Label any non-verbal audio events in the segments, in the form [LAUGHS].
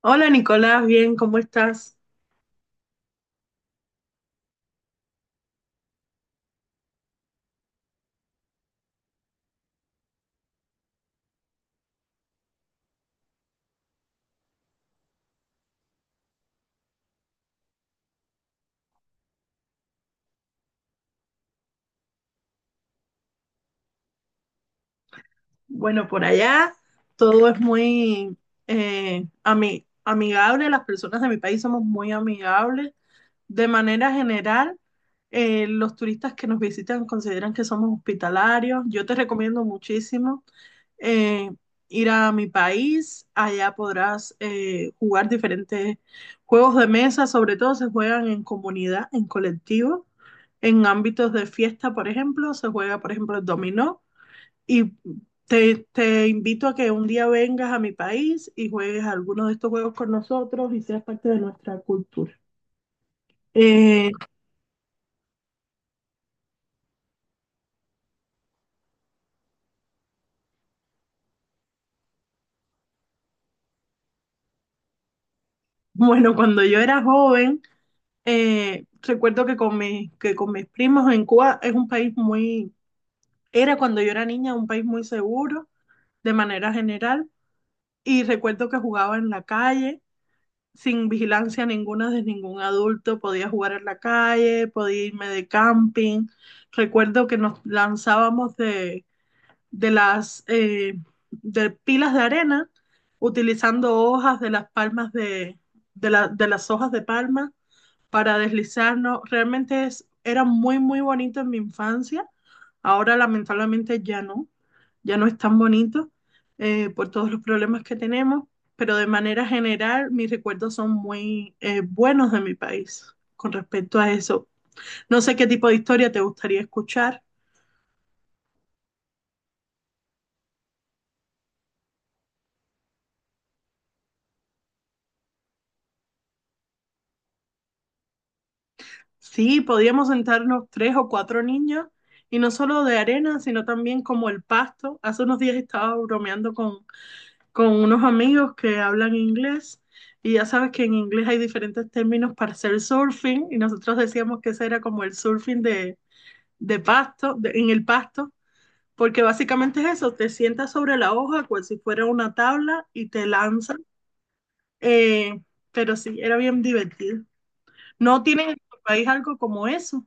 Hola Nicolás, bien, ¿cómo estás? Bueno, por allá todo es muy amigable, las personas de mi país somos muy amigables. De manera general, los turistas que nos visitan consideran que somos hospitalarios. Yo te recomiendo muchísimo eh, ir a mi país. Allá podrás jugar diferentes juegos de mesa, sobre todo se juegan en comunidad, en colectivo, en ámbitos de fiesta. Por ejemplo, se juega, por ejemplo, el dominó, y te invito a que un día vengas a mi país y juegues alguno de estos juegos con nosotros y seas parte de nuestra cultura. Eh, [LAUGHS] bueno, cuando yo era joven, recuerdo que con mis primos en Cuba es un país muy era cuando yo era niña un país muy seguro, de manera general, y recuerdo que jugaba en la calle, sin vigilancia ninguna de ningún adulto. Podía jugar en la calle, podía irme de camping. Recuerdo que nos lanzábamos de las eh, de pilas de arena, utilizando hojas de las palmas de las hojas de palma para deslizarnos. Realmente era muy, muy bonito en mi infancia. Ahora lamentablemente ya no es tan bonito por todos los problemas que tenemos, pero de manera general mis recuerdos son muy buenos de mi país con respecto a eso. No sé qué tipo de historia te gustaría escuchar. Sí, podíamos sentarnos tres o cuatro niños, y no solo de arena, sino también como el pasto. Hace unos días estaba bromeando con unos amigos que hablan inglés, y ya sabes que en inglés hay diferentes términos para hacer surfing, y nosotros decíamos que ese era como el surfing en el pasto, porque básicamente es eso, te sientas sobre la hoja como si fuera una tabla y te lanzas, eh, pero sí, era bien divertido. ¿No tienen en tu país algo como eso?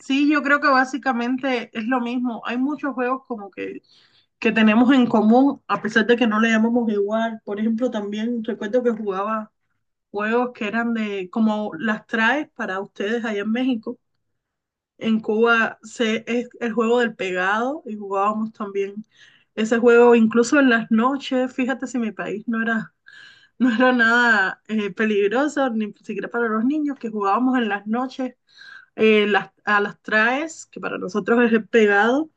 Sí, yo creo que básicamente es lo mismo. Hay muchos juegos como que tenemos en común, a pesar de que no le llamamos igual. Por ejemplo, también recuerdo que jugaba juegos que eran como las traes para ustedes allá en México. En Cuba es el juego del pegado, y jugábamos también ese juego incluso en las noches. Fíjate si mi país no era nada peligroso, ni siquiera para los niños, que jugábamos en las noches a las traes, que para nosotros es el pegado,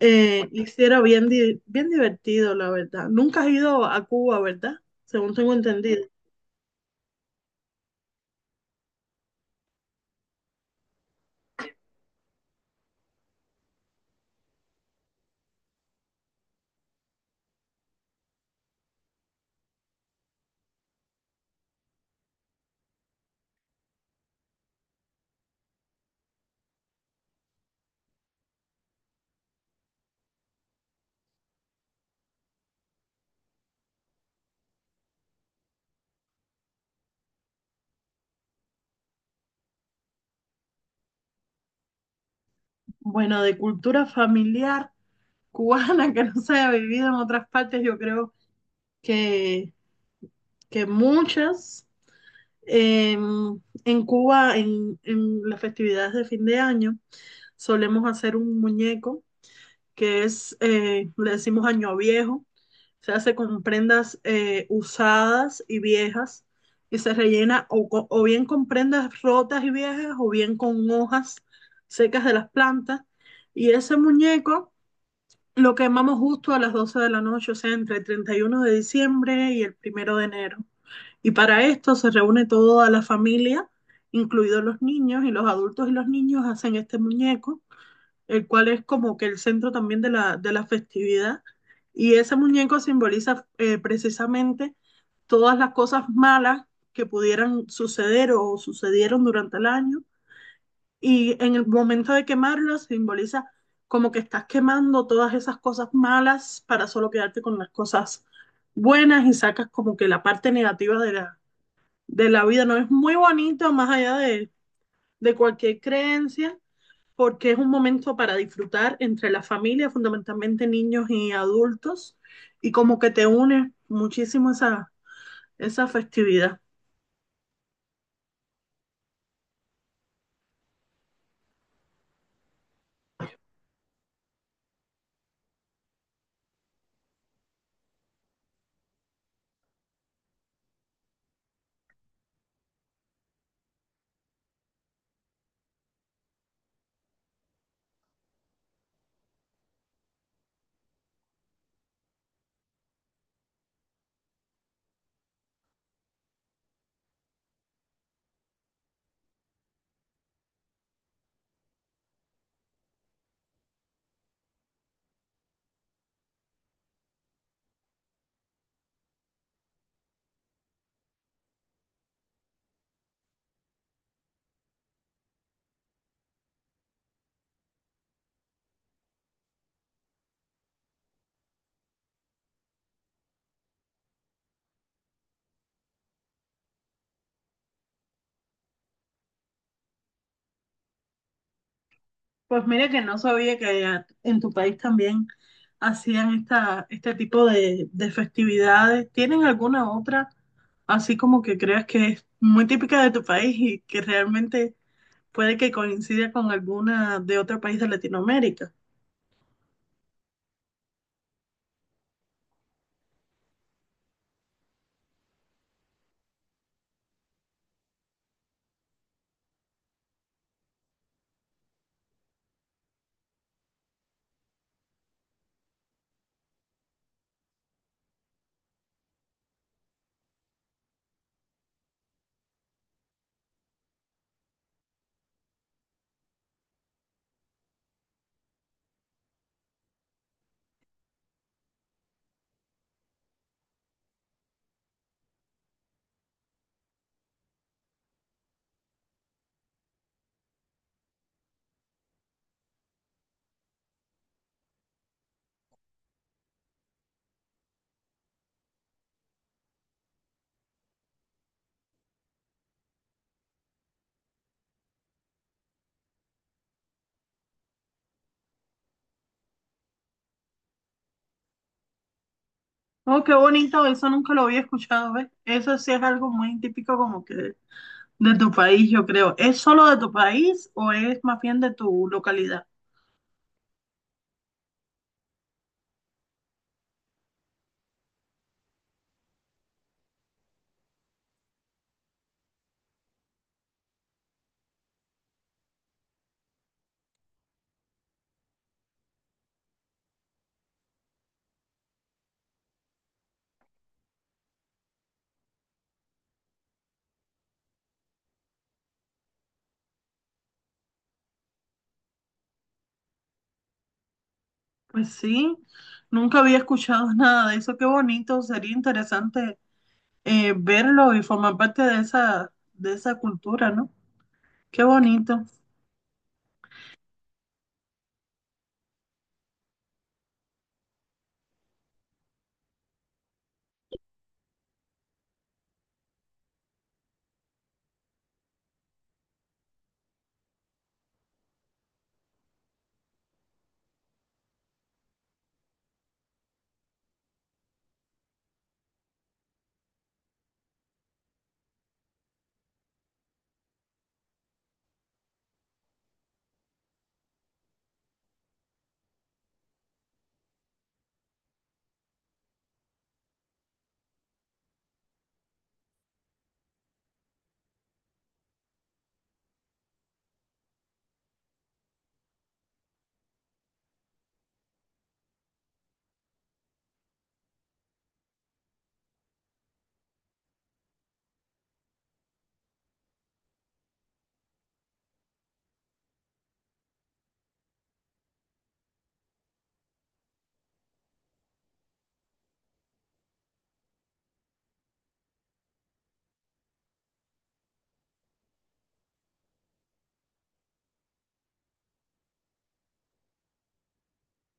y sí era bien divertido, la verdad. Nunca has ido a Cuba, ¿verdad? Según tengo entendido. Bueno, de cultura familiar cubana [LAUGHS] que no se haya vivido en otras partes, yo creo que, que muchas. Eh, en Cuba, en las festividades de fin de año, solemos hacer un muñeco que es, le decimos año viejo. Se hace con prendas usadas y viejas, y se rellena bien con prendas rotas y viejas, o bien con hojas secas de las plantas. Y ese muñeco lo quemamos justo a las 12 de la noche, o sea, entre el 31 de diciembre y el primero de enero. Y para esto se reúne toda la familia, incluidos los niños, y los adultos y los niños hacen este muñeco, el cual es como que el centro también de la festividad. Y ese muñeco simboliza precisamente todas las cosas malas que pudieran suceder o sucedieron durante el año. Y en el momento de quemarlo simboliza como que estás quemando todas esas cosas malas para solo quedarte con las cosas buenas, y sacas como que la parte negativa de la vida. No es muy bonito, más allá de cualquier creencia, porque es un momento para disfrutar entre la familia, fundamentalmente niños y adultos, y como que te une muchísimo esa festividad. Pues mira que no sabía que en tu país también hacían este tipo de festividades. ¿Tienen alguna otra así como que creas que es muy típica de tu país y que realmente puede que coincida con alguna de otro país de Latinoamérica? Oh, qué bonito, eso nunca lo había escuchado, ¿ves? Eso sí es algo muy típico como que de tu país, yo creo. ¿Es solo de tu país o es más bien de tu localidad? Pues sí, nunca había escuchado [LAUGHS] nada de eso. Qué bonito, sería interesante verlo y formar parte de esa cultura, ¿no? Qué bonito.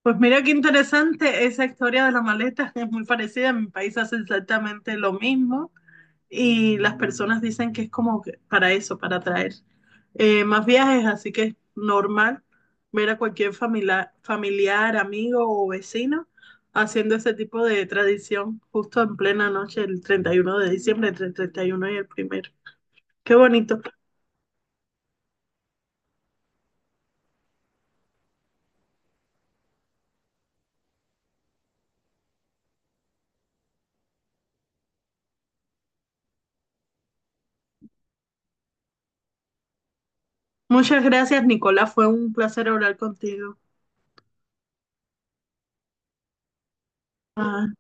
Pues mira qué interesante esa historia de la maleta, [LAUGHS] es muy parecida. En mi país hace exactamente lo mismo, y las personas dicen que es como que para eso, para atraer más viajes, así que es normal ver a cualquier familiar, amigo o vecino haciendo ese tipo de tradición justo en plena noche, el 31 de diciembre, entre el 31 y el primero. Qué bonito. Muchas gracias, Nicolás. Fue un placer hablar contigo. Ah,